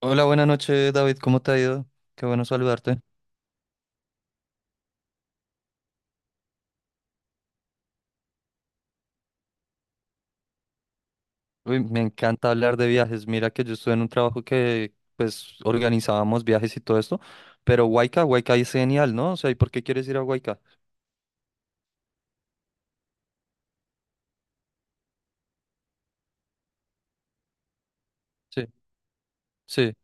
Hola, buenas noches, David. ¿Cómo te ha ido? Qué bueno saludarte. Uy, me encanta hablar de viajes. Mira que yo estuve en un trabajo pues, organizábamos viajes y todo esto. Pero Huayca, Huayca es genial, ¿no? O sea, ¿y por qué quieres ir a Huayca? Sí, sí.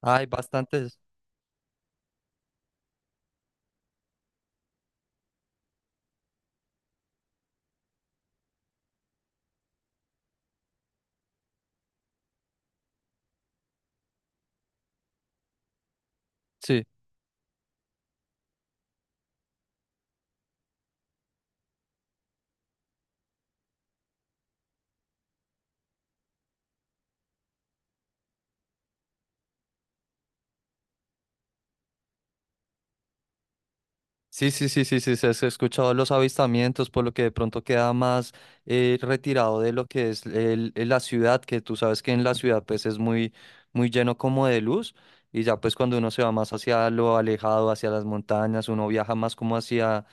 Hay bastantes. Sí. Sí, sí, sí, sí, sí, se ha escuchado los avistamientos, por lo que de pronto queda más retirado de lo que es el la ciudad, que tú sabes que en la ciudad pues es muy, muy lleno como de luz, y ya pues cuando uno se va más hacia lo alejado, hacia las montañas, uno viaja más como hacia,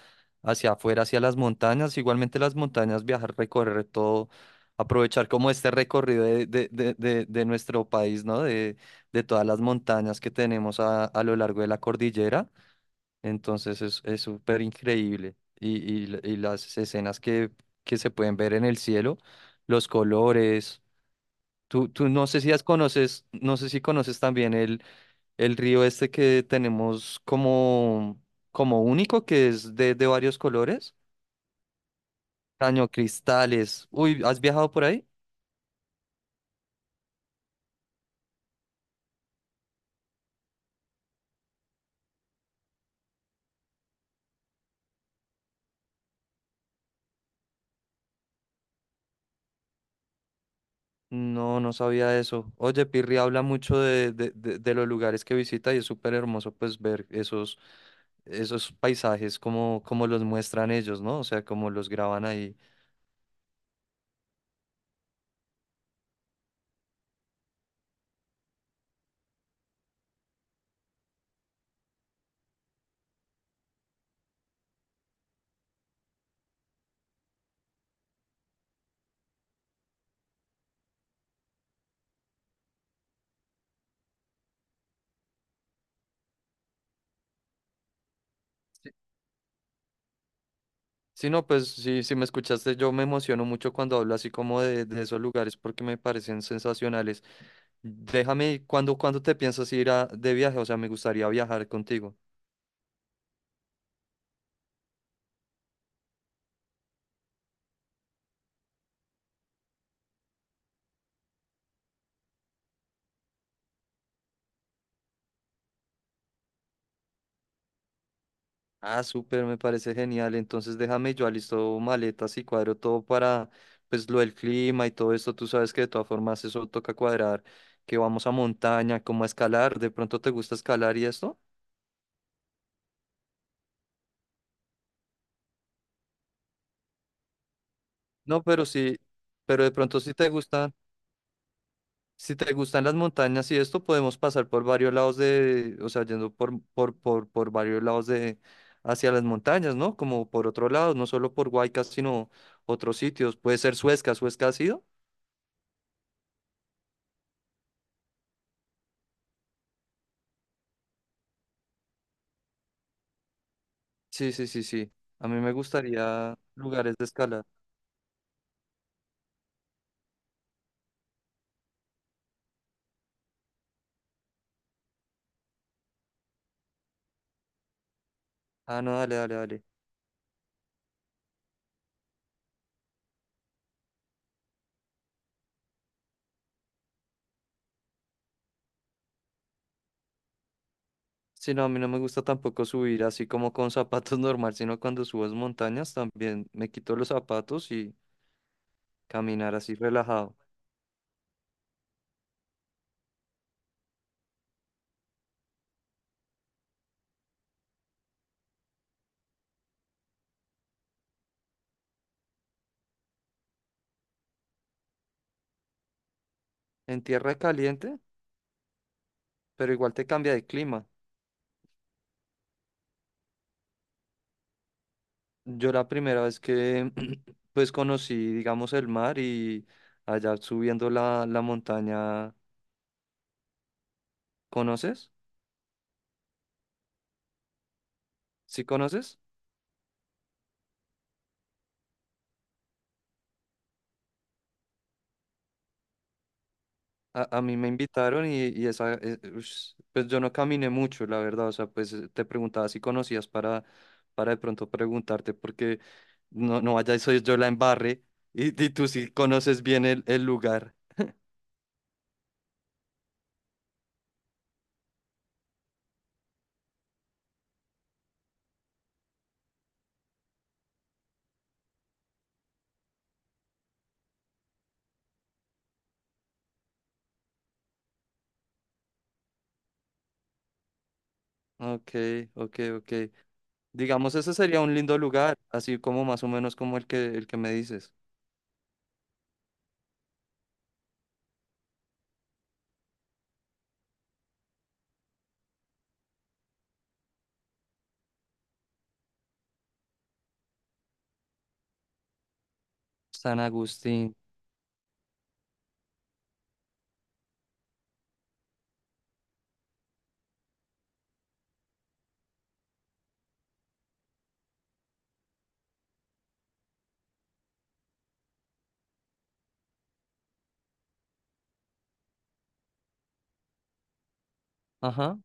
hacia afuera, hacia las montañas, igualmente las montañas, viajar, recorrer todo, aprovechar como este recorrido de nuestro país, ¿no? De todas las montañas que tenemos a lo largo de la cordillera. Entonces es súper increíble. Y, y las escenas que se pueden ver en el cielo, los colores. Tú no sé si has conoces, no sé si conoces también el río este que tenemos como, como único, que es de varios colores. Cañocristales. Uy, ¿has viajado por ahí? No, no sabía eso. Oye, Pirri habla mucho de los lugares que visita y es súper hermoso pues ver esos, esos paisajes como, como los muestran ellos, ¿no? O sea, como los graban ahí. Sí, sí, no, pues sí, si me escuchaste, yo me emociono mucho cuando hablo así como de esos lugares porque me parecen sensacionales. Déjame, ¿ cuando te piensas ir a, de viaje? O sea, me gustaría viajar contigo. Ah, súper, me parece genial. Entonces déjame, yo alisto maletas y cuadro todo para, pues, lo del clima y todo esto. Tú sabes que de todas formas eso toca cuadrar, que vamos a montaña, como a escalar. ¿De pronto te gusta escalar y esto? No, pero sí, pero de pronto si te gustan, si te gustan las montañas y esto, podemos pasar por varios lados de, o sea, yendo por varios lados de, hacia las montañas, ¿no? Como por otro lado, no solo por Huaycas, sino otros sitios. Puede ser Suezca, ¿Suezca ha sido? Sí, sí, sí, sí. A mí me gustaría lugares de escala. Ah, no, dale, dale, dale. Sí, no, a mí no me gusta tampoco subir así como con zapatos normal, sino cuando subes montañas también me quito los zapatos y caminar así relajado. En tierra caliente, pero igual te cambia de clima. Yo la primera vez que pues conocí, digamos, el mar y allá subiendo la montaña, ¿conoces? ¿Sí conoces? A mí me invitaron y esa, ush, pues yo no caminé mucho, la verdad, o sea, pues te preguntaba si conocías para de pronto preguntarte, porque no, no vaya, y soy yo la embarre y tú sí conoces bien el lugar. Ok, ok, ok. Digamos, ese sería un lindo lugar, así como más o menos como el que me dices. San Agustín. Ajá,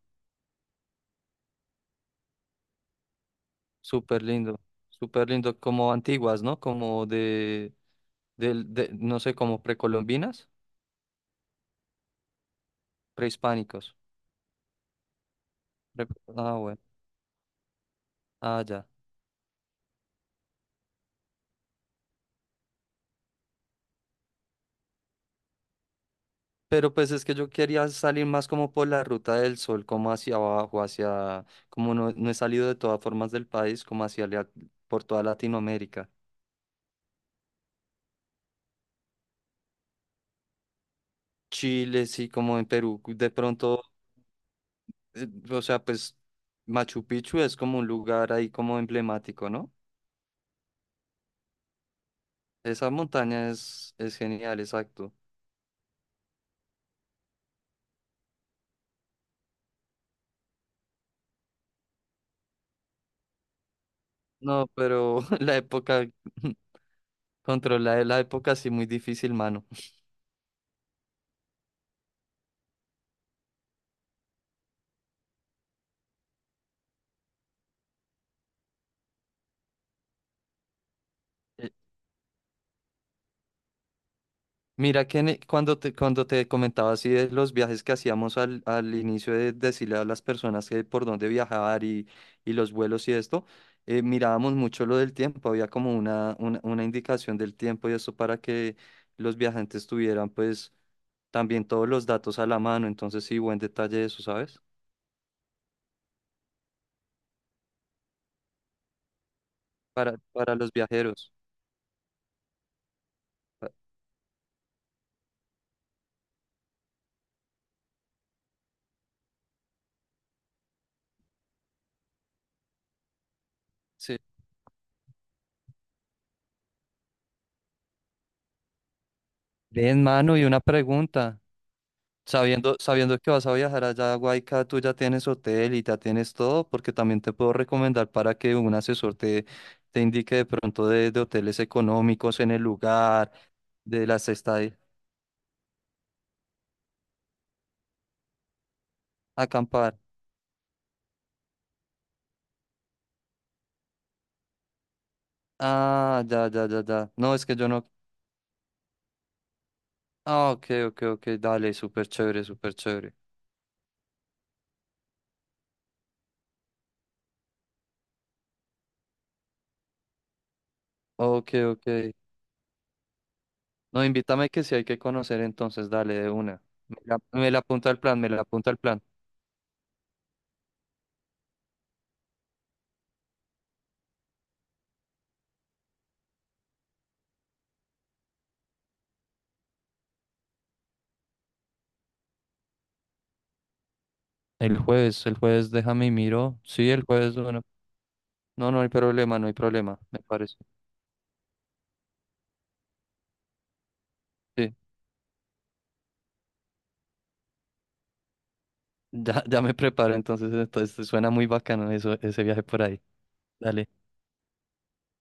súper lindo, súper lindo, como antiguas, ¿no? Como de, del de, no sé, como precolombinas, prehispánicos. Pre- ah, bueno, ah, ya. Pero pues es que yo quería salir más como por la ruta del sol, como hacia abajo, hacia, como no, no he salido de todas formas del país, como hacia por toda Latinoamérica. Chile, sí, como en Perú, de pronto o sea, pues Machu Picchu es como un lugar ahí como emblemático, ¿no? Esa montaña es genial, exacto. No, pero la época, controlar la época sí muy difícil, mano. Eh, Mira que en cuando te comentaba así de los viajes que hacíamos al, al inicio de decirle a las personas que por dónde viajar y los vuelos y esto, mirábamos mucho lo del tiempo, había como una indicación del tiempo y esto para que los viajantes tuvieran pues también todos los datos a la mano, entonces sí, buen detalle eso, ¿sabes? Para los viajeros. Pa- sí. Bien, mano, y una pregunta. Sabiendo, sabiendo que vas a viajar allá a Guayca, tú ya tienes hotel y ya tienes todo, porque también te puedo recomendar para que un asesor te, te indique de pronto de hoteles económicos en el lugar, de las estadías, acampar. Ah, ya, ya, ya, ya. No, es que yo no. Ah, ok, ok, ok, dale, súper chévere, súper chévere. Ok, ok. No, invítame que si hay que conocer entonces, dale de una. Me la apunta el plan, me la apunta el plan. El jueves déjame y miro. Sí, el jueves, bueno. No, no hay problema, no hay problema, me parece. Sí, ya, ya me preparo entonces, entonces suena muy bacano eso, ese viaje por ahí. Dale.